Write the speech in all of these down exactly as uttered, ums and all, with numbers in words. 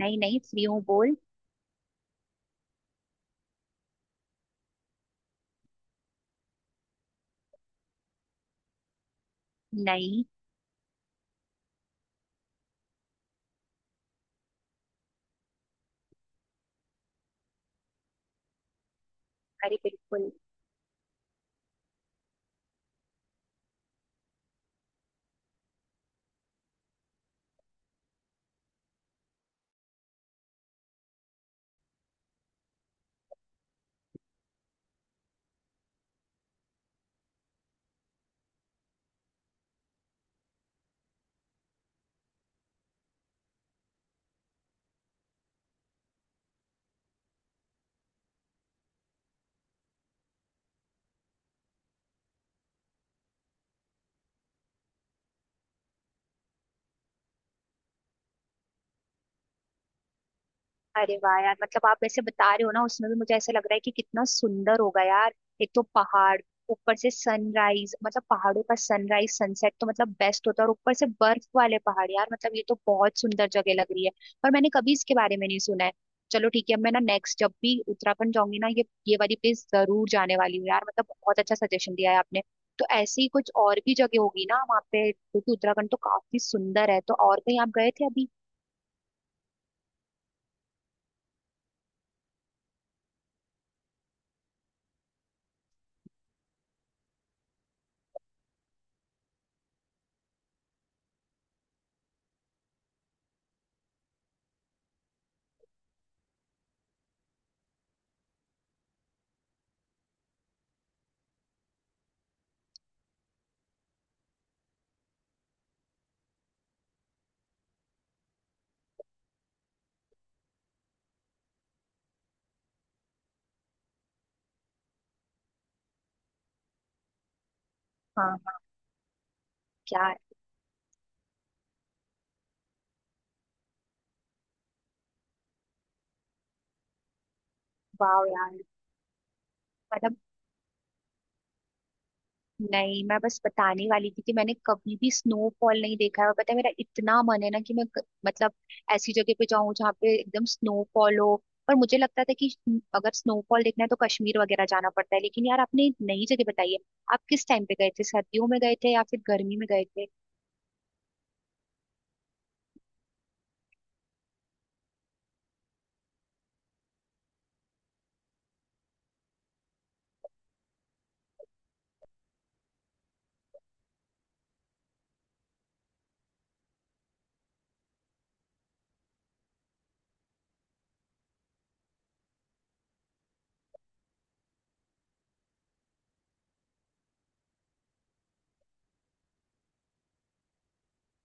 नहीं नहीं, फ्री हूँ। बोल। नहीं। अरे बिल्कुल। अरे वाह यार, मतलब आप ऐसे बता रहे हो ना, उसमें भी मुझे ऐसा लग रहा है कि कितना सुंदर होगा यार। एक तो पहाड़, ऊपर से सनराइज, मतलब पहाड़ों का सनराइज सनसेट तो मतलब बेस्ट होता है, और ऊपर से बर्फ वाले पहाड़, यार मतलब ये तो बहुत सुंदर जगह लग रही है। पर मैंने कभी इसके बारे में नहीं सुना है। चलो ठीक है, अब मैं ना नेक्स्ट जब भी उत्तराखंड जाऊंगी ना, ये ये वाली प्लेस जरूर जाने वाली हूँ यार। मतलब बहुत अच्छा सजेशन दिया है आपने। तो ऐसी ही कुछ और भी जगह होगी ना वहाँ पे, क्योंकि उत्तराखंड तो काफी सुंदर है। तो और कहीं आप गए थे अभी? हाँ हाँ। क्या? वाह यार मतलब। नहीं, मैं बस बताने वाली थी कि मैंने कभी भी स्नोफॉल नहीं देखा है, और पता है मेरा इतना मन है ना कि मैं क- मतलब ऐसी जगह पे जाऊं जहाँ पे एकदम स्नोफॉल हो। पर मुझे लगता था कि स्न- अगर स्नोफॉल देखना है तो कश्मीर वगैरह जाना पड़ता है, लेकिन यार आपने एक नई जगह बताई है। आप किस टाइम पे गए थे? सर्दियों में गए थे या फिर गर्मी में गए थे?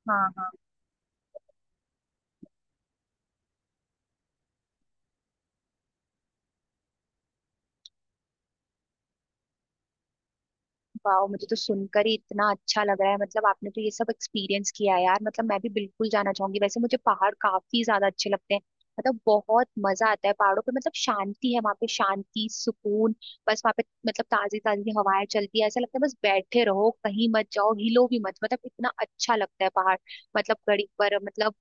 हाँ हाँ। वाह, मुझे तो सुनकर ही इतना अच्छा लग रहा है। मतलब आपने तो ये सब एक्सपीरियंस किया है यार। मतलब मैं भी बिल्कुल जाना चाहूंगी, वैसे मुझे पहाड़ काफी ज्यादा अच्छे लगते हैं। मतलब बहुत मजा आता है पहाड़ों पे, मतलब शांति है वहाँ पे, शांति सुकून। बस वहाँ पे मतलब ताजी ताजी हवाएं चलती है, ऐसा लगता है बस बैठे रहो कहीं मत जाओ, हिलो भी मत, मतलब इतना अच्छा लगता है पहाड़। मतलब घड़ी पर मतलब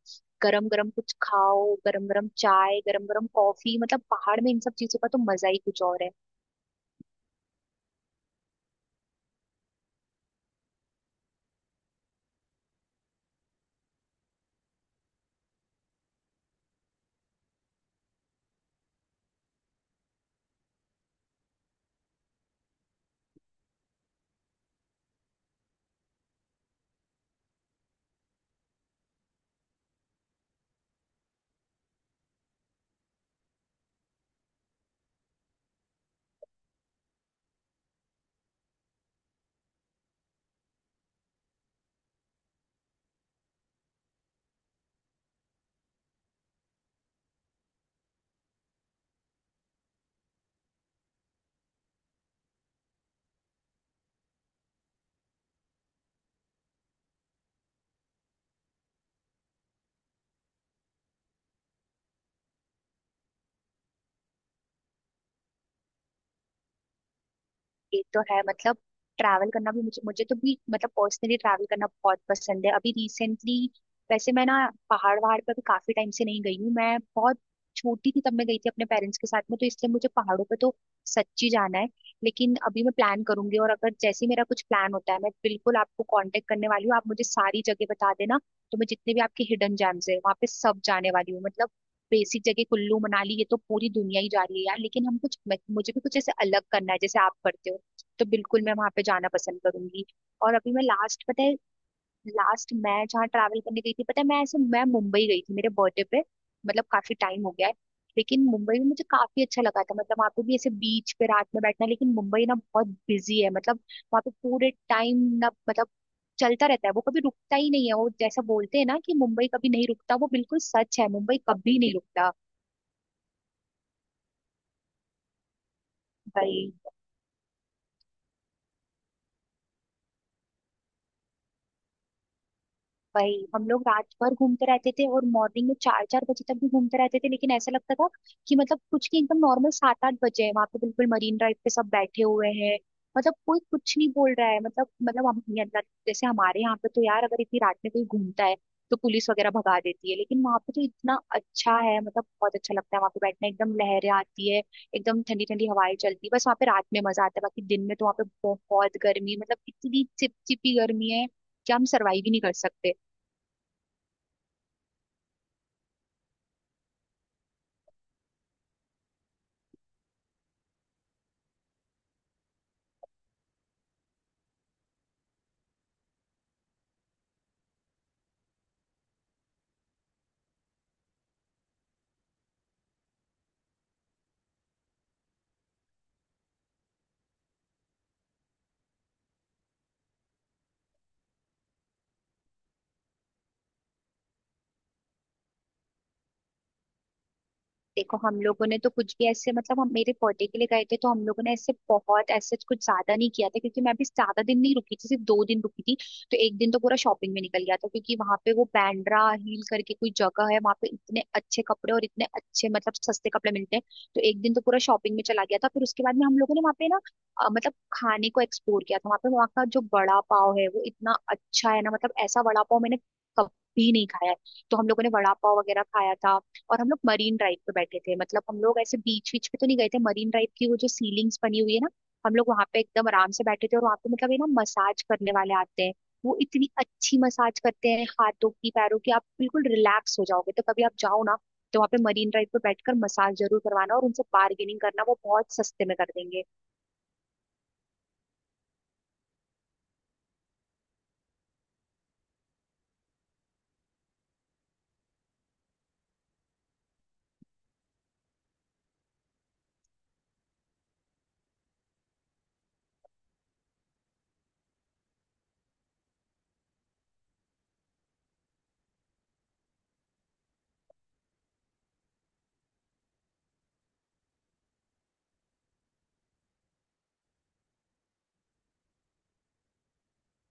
गरम गरम कुछ खाओ, गरम गरम चाय, गरम गरम कॉफी, मतलब पहाड़ में इन सब चीजों का तो मजा ही कुछ और है। एक तो है मतलब ट्रैवल करना भी मुझे मुझे तो भी मतलब पर्सनली ट्रैवल करना बहुत पसंद है। अभी रिसेंटली, वैसे मैं ना पहाड़ वहाड़ पर भी काफी टाइम से नहीं गई हूँ। मैं बहुत छोटी थी तब मैं गई थी अपने पेरेंट्स के साथ में, तो इसलिए मुझे पहाड़ों पे तो सच्ची जाना है। लेकिन अभी मैं प्लान करूंगी, और अगर जैसे ही मेरा कुछ प्लान होता है, मैं बिल्कुल आपको कांटेक्ट करने वाली हूँ, आप मुझे सारी जगह बता देना। तो मैं जितने भी आपके हिडन जेम्स है वहाँ पे सब जाने वाली हूँ, मतलब बेसिक जगह कुल्लू मनाली ये तो पूरी दुनिया ही जा रही है यार, लेकिन हम कुछ मैं- मुझे भी कुछ ऐसे अलग करना है जैसे आप करते हो, तो बिल्कुल मैं वहां पे जाना पसंद करूंगी। और अभी मैं लास्ट पता है, लास्ट मैं जहाँ ट्रैवल करने गई थी पता है, मैं ऐसे मैं मुंबई गई थी मेरे बर्थडे पे। मतलब काफी टाइम हो गया है। लेकिन मुंबई में मुझे काफी अच्छा लगा था, मतलब वहाँ पे भी ऐसे बीच पे रात में बैठना। लेकिन मुंबई ना बहुत बिजी है, मतलब वहाँ पे पूरे टाइम ना मतलब चलता रहता है, वो कभी रुकता ही नहीं है। वो जैसा बोलते हैं ना कि मुंबई कभी नहीं रुकता, वो बिल्कुल सच है, मुंबई कभी नहीं रुकता। भाई वही हम लोग रात भर घूमते रहते थे और मॉर्निंग में चार चार बजे तक भी घूमते रहते थे, लेकिन ऐसा लगता था कि मतलब कुछ नहीं, एकदम नॉर्मल सात आठ बजे हैं, वहां पे बिल्कुल मरीन ड्राइव पे सब बैठे हुए हैं। मतलब कोई कुछ नहीं बोल रहा है, मतलब मतलब हम ये अंदर- जैसे हमारे यहाँ पे तो यार अगर इतनी रात में कोई घूमता है तो पुलिस वगैरह भगा देती है, लेकिन वहां पे तो इतना अच्छा है। मतलब बहुत अच्छा लगता है वहां पे बैठना, एकदम लहरें आती है, एकदम ठंडी ठंडी हवाएं चलती है। बस वहां पे रात में मजा आता है, बाकी दिन में तो वहां पे बहुत गर्मी, मतलब इतनी चिपचिपी गर्मी है कि हम सर्वाइव ही नहीं कर सकते। देखो हम लोगों ने तो कुछ भी ऐसे मतलब हम मेरे बर्थडे के लिए गए थे, तो हम लोगों ने ऐसे बहुत ऐसे कुछ ज्यादा नहीं किया था, क्योंकि मैं भी ज्यादा दिन नहीं रुकी थी, सिर्फ दो दिन रुकी थी। तो एक दिन तो पूरा शॉपिंग में निकल गया था, क्योंकि वहां पे वो बैंड्रा हिल करके कोई जगह है, वहां पे इतने अच्छे कपड़े और इतने अच्छे मतलब सस्ते कपड़े मिलते हैं। तो एक दिन तो पूरा शॉपिंग में चला गया था, फिर उसके बाद में हम लोगों ने वहाँ पे ना अ, मतलब खाने को एक्सप्लोर किया था वहाँ पे। वहाँ का जो वड़ा पाव है वो इतना अच्छा है ना, मतलब ऐसा वड़ा पाव मैंने कभी नहीं खाया है। तो हम लोगों ने वड़ा पाव वगैरह खाया था। और हम लोग मरीन ड्राइव पे बैठे थे, मतलब हम लोग ऐसे बीच बीच पे तो नहीं गए थे, मरीन ड्राइव की वो जो सीलिंग्स बनी हुई है ना, हम लोग वहां पे एकदम आराम से बैठे थे। और वहां पे मतलब ये ना मसाज करने वाले आते हैं, वो इतनी अच्छी मसाज करते हैं, हाथों की पैरों की, आप बिल्कुल रिलैक्स हो जाओगे। तो कभी आप जाओ ना, तो वहाँ पे मरीन ड्राइव पे बैठकर मसाज जरूर करवाना, और उनसे बार्गेनिंग करना, वो बहुत सस्ते में कर देंगे।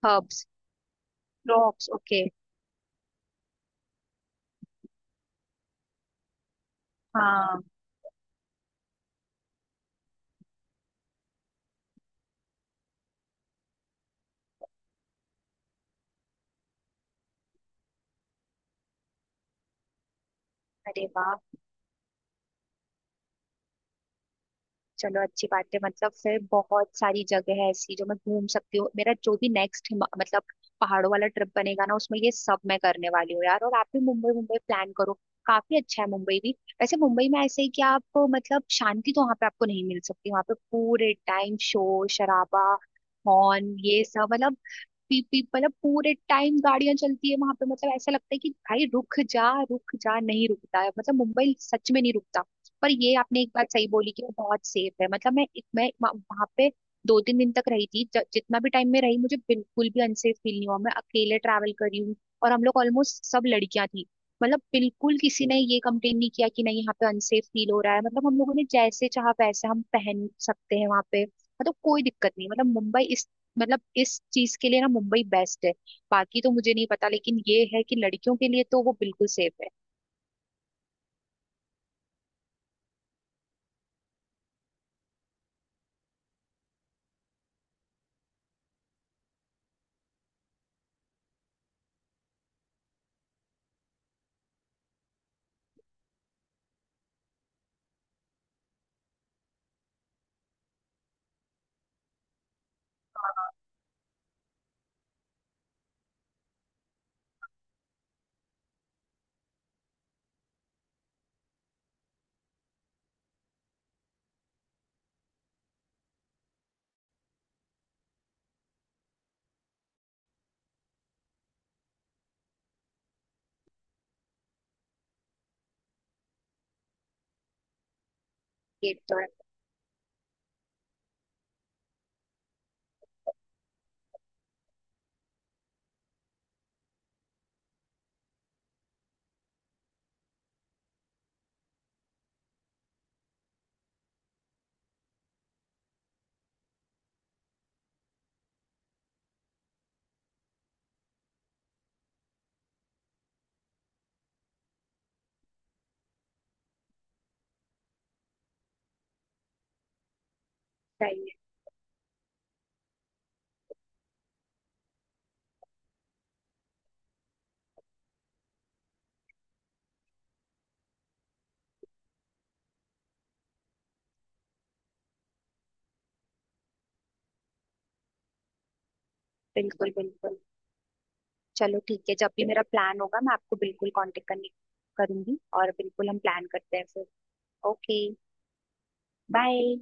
हर्ब्स। ड्रॉप्स। ओके। हाँ। अरे वाह। चलो अच्छी बात है, मतलब फिर बहुत सारी जगह है ऐसी जो मैं घूम सकती हूँ। मेरा जो भी नेक्स्ट मतलब पहाड़ों वाला ट्रिप बनेगा ना, उसमें ये सब मैं करने वाली हूँ यार। और आप भी मुंबई मुंबई प्लान करो, काफी अच्छा है मुंबई भी। वैसे मुंबई में ऐसे ही कि आप मतलब शांति तो वहां पे आपको नहीं मिल सकती, वहां पे पूरे टाइम शोर शराबा, हॉर्न, ये सब, मतलब पीप पीप, मतलब पूरे टाइम गाड़ियां चलती है वहां पे। मतलब ऐसा लगता है कि भाई रुक जा रुक जा, नहीं रुकता है, मतलब मुंबई सच में नहीं रुकता। पर ये आपने एक बात सही बोली कि वो बहुत सेफ है। मतलब मैं मैं वहां पे दो तीन दिन तक रही थी, ज, जितना भी टाइम में रही मुझे बिल्कुल भी अनसेफ फील नहीं हुआ। मैं अकेले ट्रैवल कर रही हूँ और हम लोग ऑलमोस्ट सब लड़कियां थी, मतलब बिल्कुल किसी ने ये कंप्लेन नहीं किया कि नहीं यहाँ पे अनसेफ फील हो रहा है। मतलब हम लोगों ने जैसे चाहा वैसे हम पहन सकते हैं वहां पे। मतलब कोई दिक्कत नहीं, मतलब मुंबई मतलब इस चीज के लिए ना मुंबई बेस्ट है। बाकी तो मुझे नहीं पता, लेकिन ये है कि लड़कियों के लिए तो वो बिल्कुल सेफ है। ये तो है। सही है। बिल्कुल बिल्कुल। चलो ठीक है, जब भी मेरा प्लान होगा मैं आपको बिल्कुल कांटेक्ट करने करूंगी, और बिल्कुल हम प्लान करते हैं फिर। ओके। बाय।